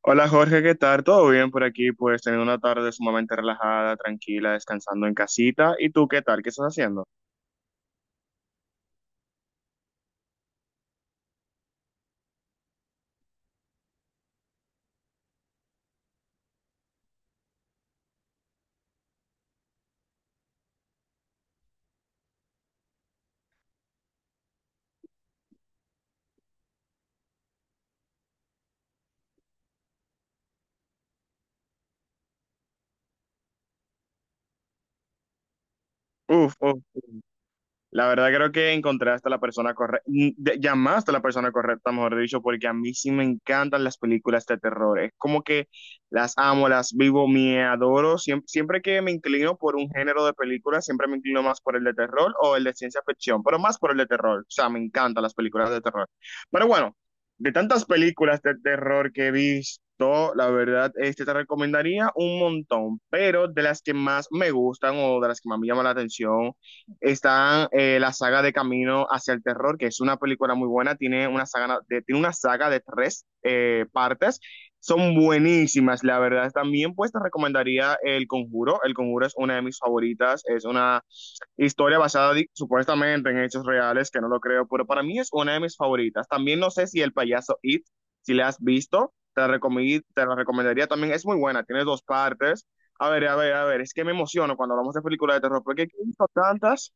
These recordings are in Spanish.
Hola Jorge, ¿qué tal? ¿Todo bien por aquí? Pues teniendo una tarde sumamente relajada, tranquila, descansando en casita. ¿Y tú qué tal? ¿Qué estás haciendo? Uf. La verdad creo que encontré hasta la persona correcta, llamaste a la persona correcta, mejor dicho, porque a mí sí me encantan las películas de terror. Es como que las amo, las vivo, me adoro. Siempre que me inclino por un género de película, siempre me inclino más por el de terror o el de ciencia ficción, pero más por el de terror. O sea, me encantan las películas de terror. Pero bueno, de tantas películas de terror que he visto, la verdad, este te recomendaría un montón, pero de las que más me gustan o de las que más me llaman la atención está la saga de Camino hacia el Terror, que es una película muy buena, tiene una saga de tres partes, son buenísimas, la verdad. También pues te recomendaría El Conjuro, El Conjuro es una de mis favoritas, es una historia supuestamente en hechos reales, que no lo creo, pero para mí es una de mis favoritas. También no sé si El Payaso It, si la has visto, te la recomendaría también, es muy buena, tiene dos partes. A ver, a ver, a ver, es que me emociono cuando hablamos de películas de terror, porque he visto tantas.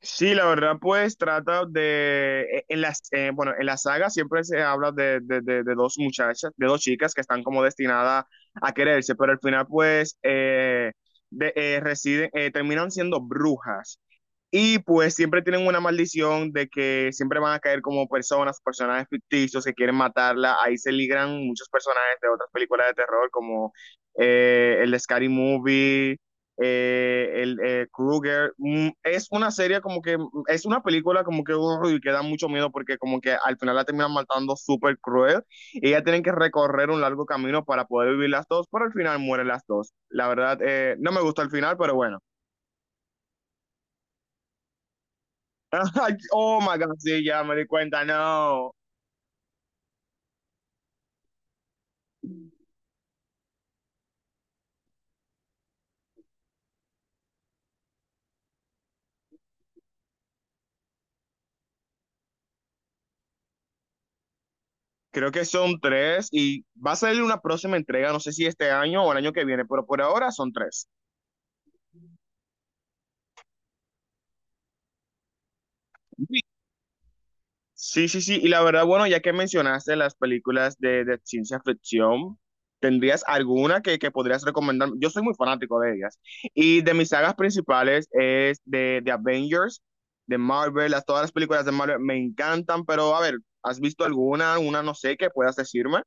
Sí, la verdad, pues trata de, e- en las, bueno, en la saga siempre se habla de dos muchachas, de dos chicas que están como destinadas a quererse, pero al final pues residen, terminan siendo brujas. Y pues siempre tienen una maldición de que siempre van a caer como personas, personajes ficticios que quieren matarla. Ahí se ligran muchos personajes de otras películas de terror como el de Scary Movie, el Krueger. Es una serie como que, es una película como que, uy, que da mucho miedo porque como que al final la terminan matando súper cruel y ya tienen que recorrer un largo camino para poder vivir las dos, pero al final mueren las dos. La verdad, no me gustó el final, pero bueno. Ay, Oh my God, sí, ya me di cuenta, no. Creo que son tres y va a salir una próxima entrega, no sé si este año o el año que viene, pero por ahora son tres. Sí, sí, sí. Y la verdad, bueno, ya que mencionaste las películas de ciencia ficción, ¿tendrías alguna que podrías recomendar? Yo soy muy fanático de ellas. Y de mis sagas principales es de Avengers, de Marvel, las, todas las películas de Marvel me encantan, pero a ver, ¿has visto alguna, una no sé, que puedas decirme?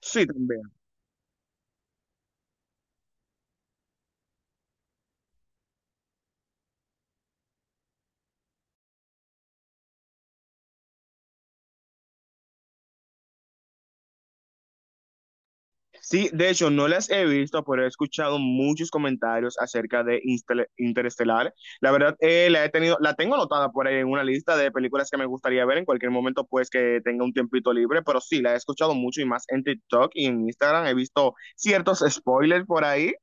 Sí, también. Sí, de hecho, no las he visto, pero he escuchado muchos comentarios acerca de Interestelar. La verdad, la tengo anotada por ahí en una lista de películas que me gustaría ver en cualquier momento, pues que tenga un tiempito libre, pero sí, la he escuchado mucho y más en TikTok y en Instagram. He visto ciertos spoilers por ahí.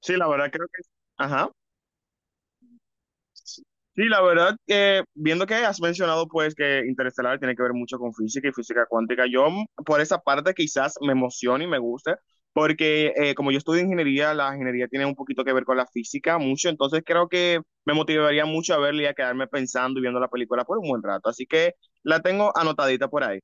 Sí, la verdad creo que... Ajá. Sí, la verdad, que viendo que has mencionado pues que Interestelar tiene que ver mucho con física y física cuántica, yo por esa parte quizás me emocione y me guste, porque como yo estudio ingeniería, la ingeniería tiene un poquito que ver con la física mucho, entonces creo que me motivaría mucho a verla y a quedarme pensando y viendo la película por un buen rato, así que la tengo anotadita por ahí.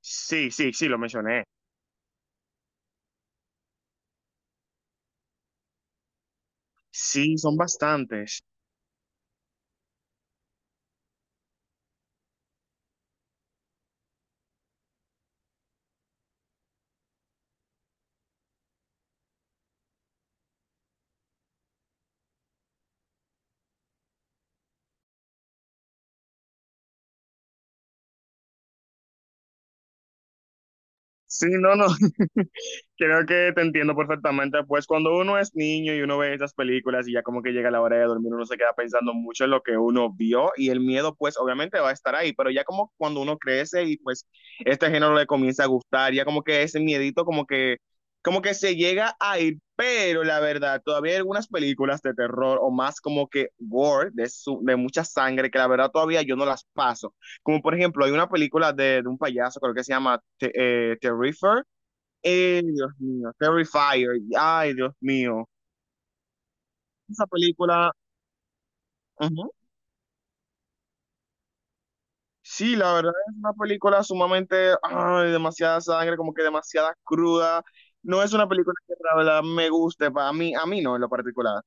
Sí, sí, sí, lo mencioné. Sí, son bastantes. Sí, no, no. Creo que te entiendo perfectamente. Pues cuando uno es niño y uno ve esas películas y ya como que llega la hora de dormir, uno se queda pensando mucho en lo que uno vio y el miedo pues obviamente va a estar ahí, pero ya como cuando uno crece y pues este género le comienza a gustar, ya como que ese miedito como que se llega a ir, pero la verdad, todavía hay algunas películas de terror o más como que gore, de mucha sangre, que la verdad todavía yo no las paso. Como por ejemplo, hay una película de un payaso, creo que se llama Terrifier, Dios mío, Terrifier, ay, Dios mío. Esa película, ujú. Sí, la verdad es una película sumamente, ay, demasiada sangre, como que demasiada cruda. No es una película que la verdad me guste, para mí, a mí no en lo particular.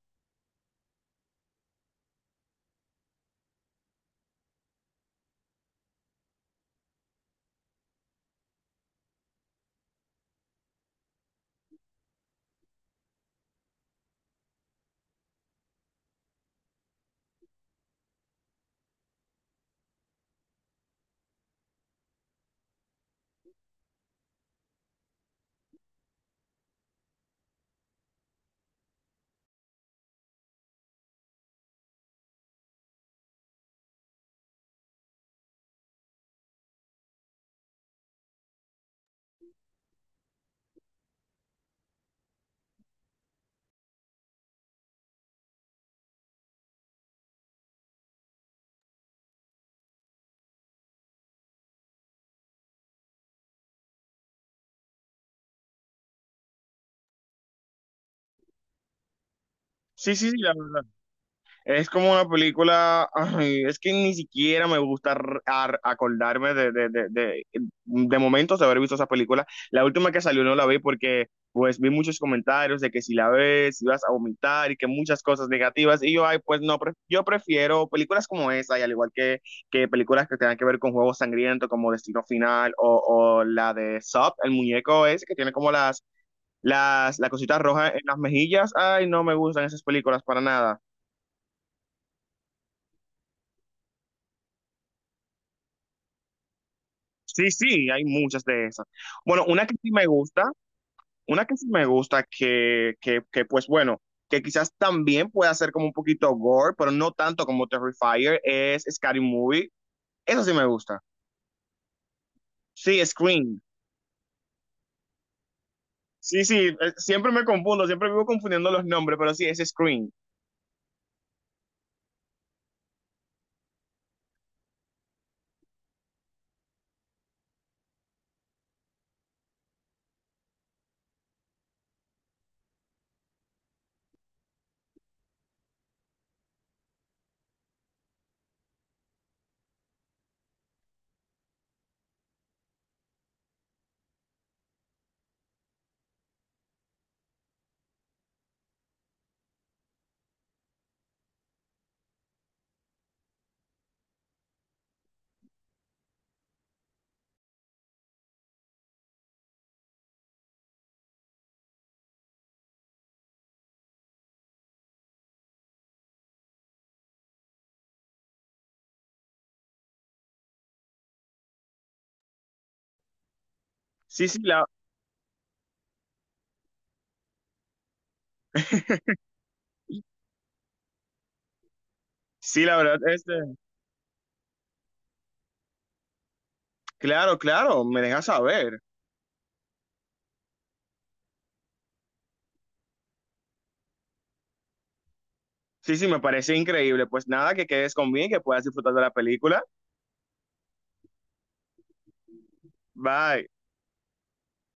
Sí, sí, sí, la verdad. Es como una película, ay, es que ni siquiera me gusta acordarme de momentos de haber visto esa película. La última que salió no la vi porque pues vi muchos comentarios de que si la ves ibas a vomitar y que muchas cosas negativas. Y yo, ay, pues no, yo prefiero películas como esa y al igual que películas que tengan que ver con juegos sangrientos como Destino Final o la de Sub, el muñeco ese que tiene como la cosita roja en las mejillas. Ay, no me gustan esas películas para nada. Sí, sí, hay muchas de esas. Bueno, una que sí me gusta, que pues bueno, que quizás también pueda ser como un poquito gore, pero no tanto como Terrifier, es Scary Movie. Eso sí me gusta. Sí, Scream. Sí, sí, siempre me confundo, siempre vivo confundiendo los nombres, pero sí, es Scream. Sí, sí, la, sí, la verdad, este, claro, claro, me deja saber. Sí, sí, me parece increíble. Pues nada, que quedes conmigo y que puedas disfrutar de la película. Bye.